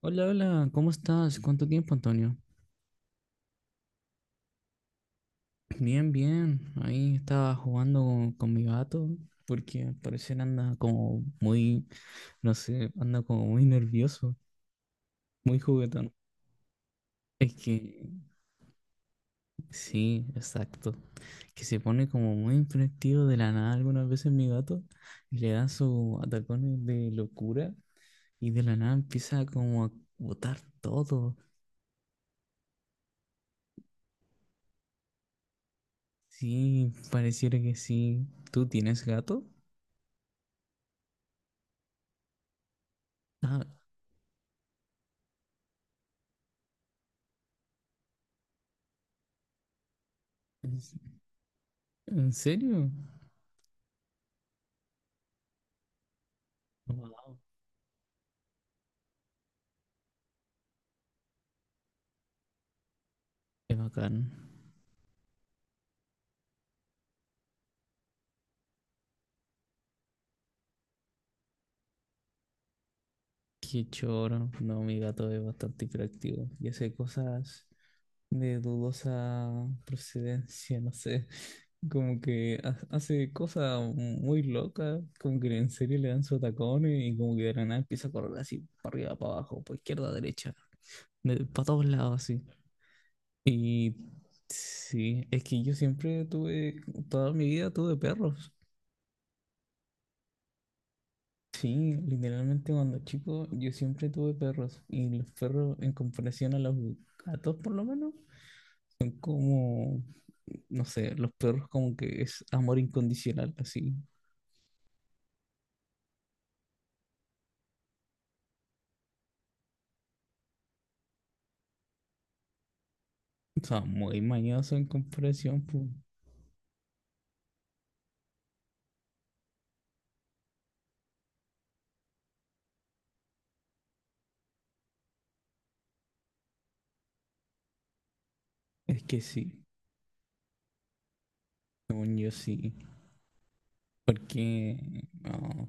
Hola, hola, ¿cómo estás? ¿Cuánto tiempo, Antonio? Bien, bien. Ahí estaba jugando con mi gato porque al parecer anda como muy, no sé, anda como muy nervioso, muy juguetón. Es que sí, exacto. Que se pone como muy impresivo de la nada algunas veces mi gato y le da sus atacones de locura y de la nada empieza como a botar todo. Sí, pareciera que sí. ¿Tú tienes gato? Ah, ¿en serio? Wow, qué bacán. Qué choro. No, mi gato es bastante hiperactivo y hace cosas de dudosa procedencia, no sé. Como que ha- hace cosas muy locas, como que en serio le dan su tacón y como que de la nada empieza a correr así, para arriba, para abajo, para izquierda, derecha, para todos lados así. Y sí, es que yo siempre tuve, toda mi vida tuve perros. Sí, literalmente cuando chico yo siempre tuve perros y los perros en comparación a los gatos por lo menos son como, no sé, los perros como que es amor incondicional así. O sea, muy mañoso en comparación, pues. Es que sí, según yo sí. Porque, no.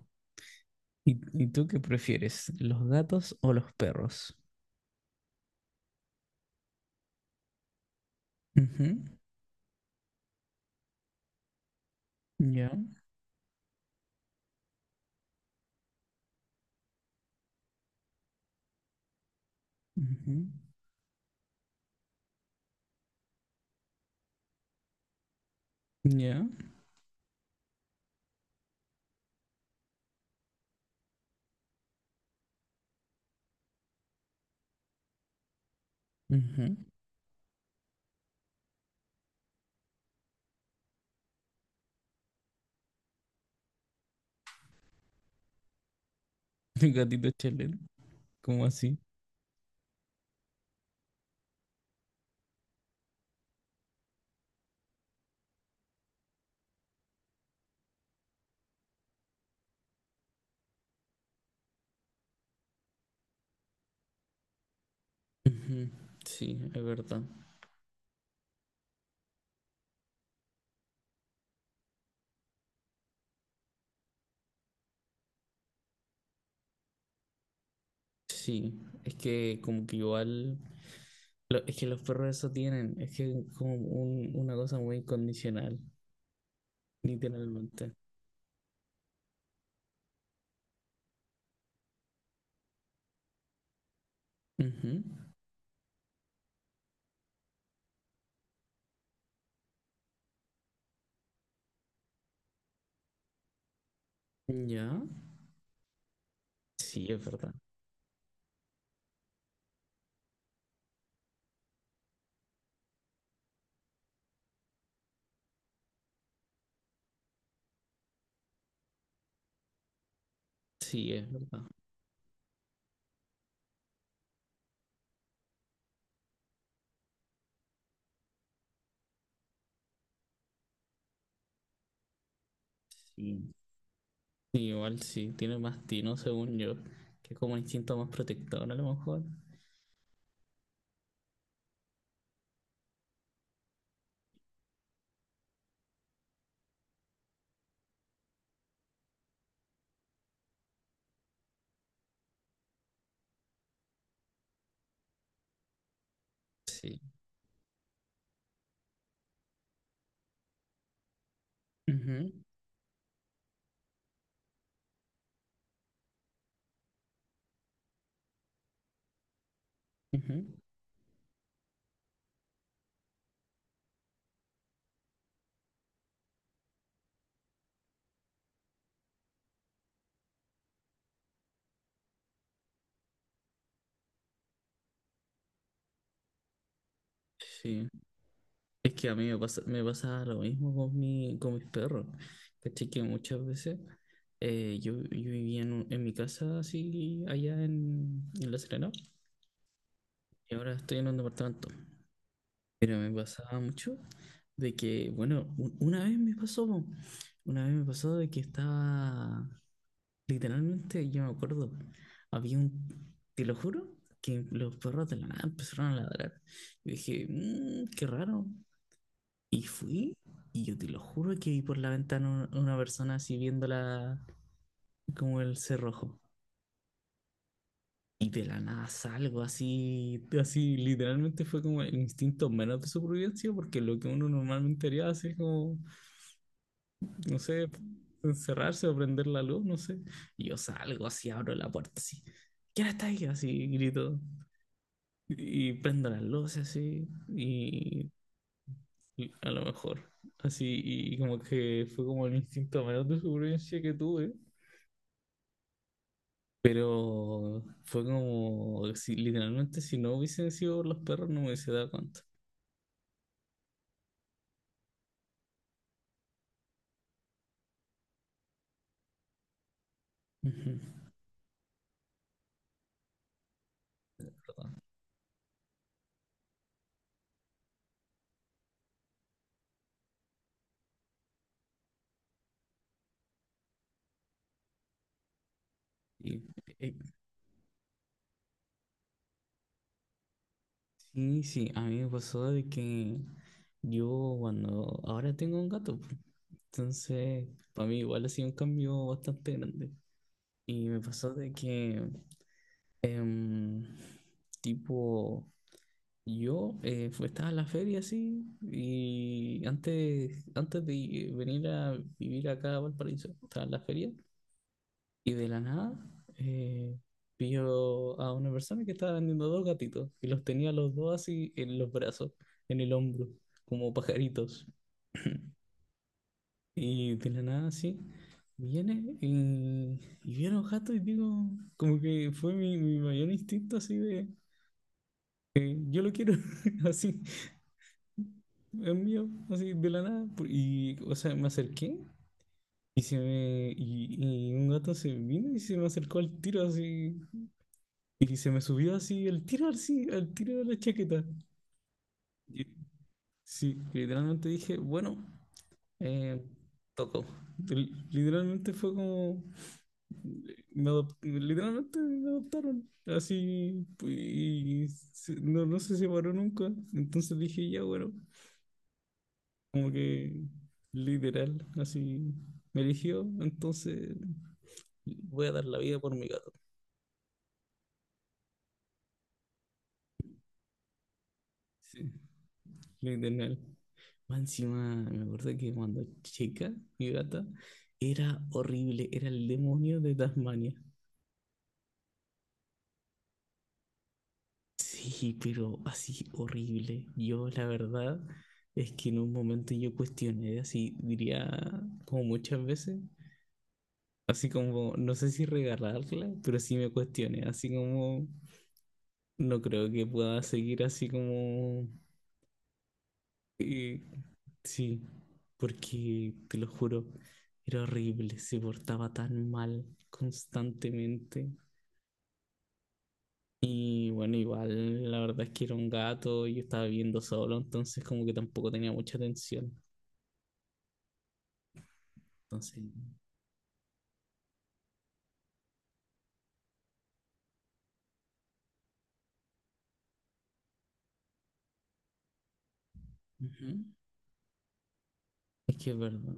¿Y tú qué prefieres, los gatos o los perros? Ujú, ya, ujú, ya, ujú. El gatito Chelet, ¿cómo así? Ujú, sí, es verdad. Sí, es que como que igual, lo- es que los perros eso tienen, es que es como un- una cosa muy incondicional, literalmente. Ujú, ya, sí, es verdad. Sí, es verdad. Sí. Sí, igual sí, tiene más tino según yo, que es como un instinto más protector a lo mejor. Sí. Ujú, ujú, sí. Es que a mí me pasa lo mismo con mis perros. ¿Cachai? Que muchas veces yo vivía en mi casa así allá en La Serena y ahora estoy en un departamento. Pero me pasaba mucho de que, bueno, una vez me pasó, po. Una vez me pasó de que estaba, literalmente, yo me acuerdo, había un, te lo juro, que los perros de la nada empezaron a ladrar. Y dije, "Mm, qué raro. Y fui, y yo te lo juro que vi por la ventana una persona así viéndola como el cerrojo. Y de la nada salgo así, así literalmente fue como el instinto menos de supervivencia, porque lo que uno normalmente haría así es como, no sé, encerrarse o prender la luz, no sé. Y yo salgo así, abro la puerta así. ¿Quién está ahí? Así grito. Y prendo las luces así, y a lo mejor. Así, y como que fue como el instinto menos de supervivencia que tuve. Pero fue como, si, literalmente, si no hubiesen sido por los perros, no me hubiese dado cuenta. Ujú. Y, eh, sí, sí, a mí me pasó de que yo cuando ahora tengo un gato, po. Entonces para mí igual ha sido un cambio bastante grande. Y me pasó de que, em, tipo, yo estaba en la feria así, y antes, antes de venir a vivir acá a Valparaíso, estaba en la feria. Y de la nada, eh, vio a una persona que estaba vendiendo dos gatitos y los tenía los dos así en los brazos, en el hombro, como pajaritos. Y de la nada, así, viene y, vi a los y digo, como que fue mi mayor instinto así de, yo lo quiero, así, es mío, así, de la nada. Y, o sea, me acerqué y, se me, y un gato se vino y se me acercó al tiro así. Y se me subió así el tiro, así, al tiro de la chaqueta. Y- sí, literalmente dije, bueno, eh, tocó. Literalmente fue como, literalmente me adoptaron, así, no, no se separó nunca. Entonces dije, ya bueno, como que literal, así, me eligió, entonces voy a dar la vida por mi gato. Sí, literal. Más encima, me acuerdo que cuando chica, mi gata, era horrible, era el demonio de Tasmania. Sí, pero así horrible. Yo, la verdad, es que en un momento yo cuestioné, así diría como muchas veces, así como, no sé si regalarla, pero sí me cuestioné, así como, no creo que pueda seguir así como eh, sí, porque te lo juro, era horrible, se portaba tan mal constantemente. Y bueno, igual la verdad es que era un gato y yo estaba viviendo solo, entonces como que tampoco tenía mucha atención. Entonces, ujú, es que es verdad.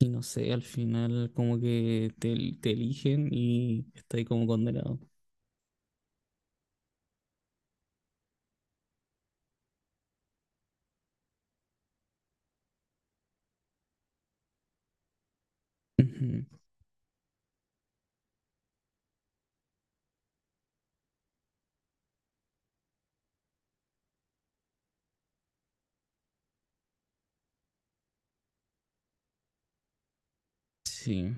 Y no sé, al final como que te eligen y estás ahí como condenado. Ujú, sí.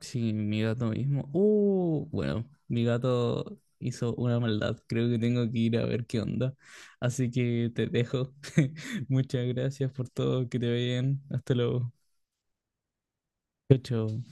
Sí, mi gato mismo. Bueno, mi gato hizo una maldad. Creo que tengo que ir a ver qué onda. Así que te dejo. Muchas gracias por todo. Que te vaya bien. Hasta luego. Chao, chao.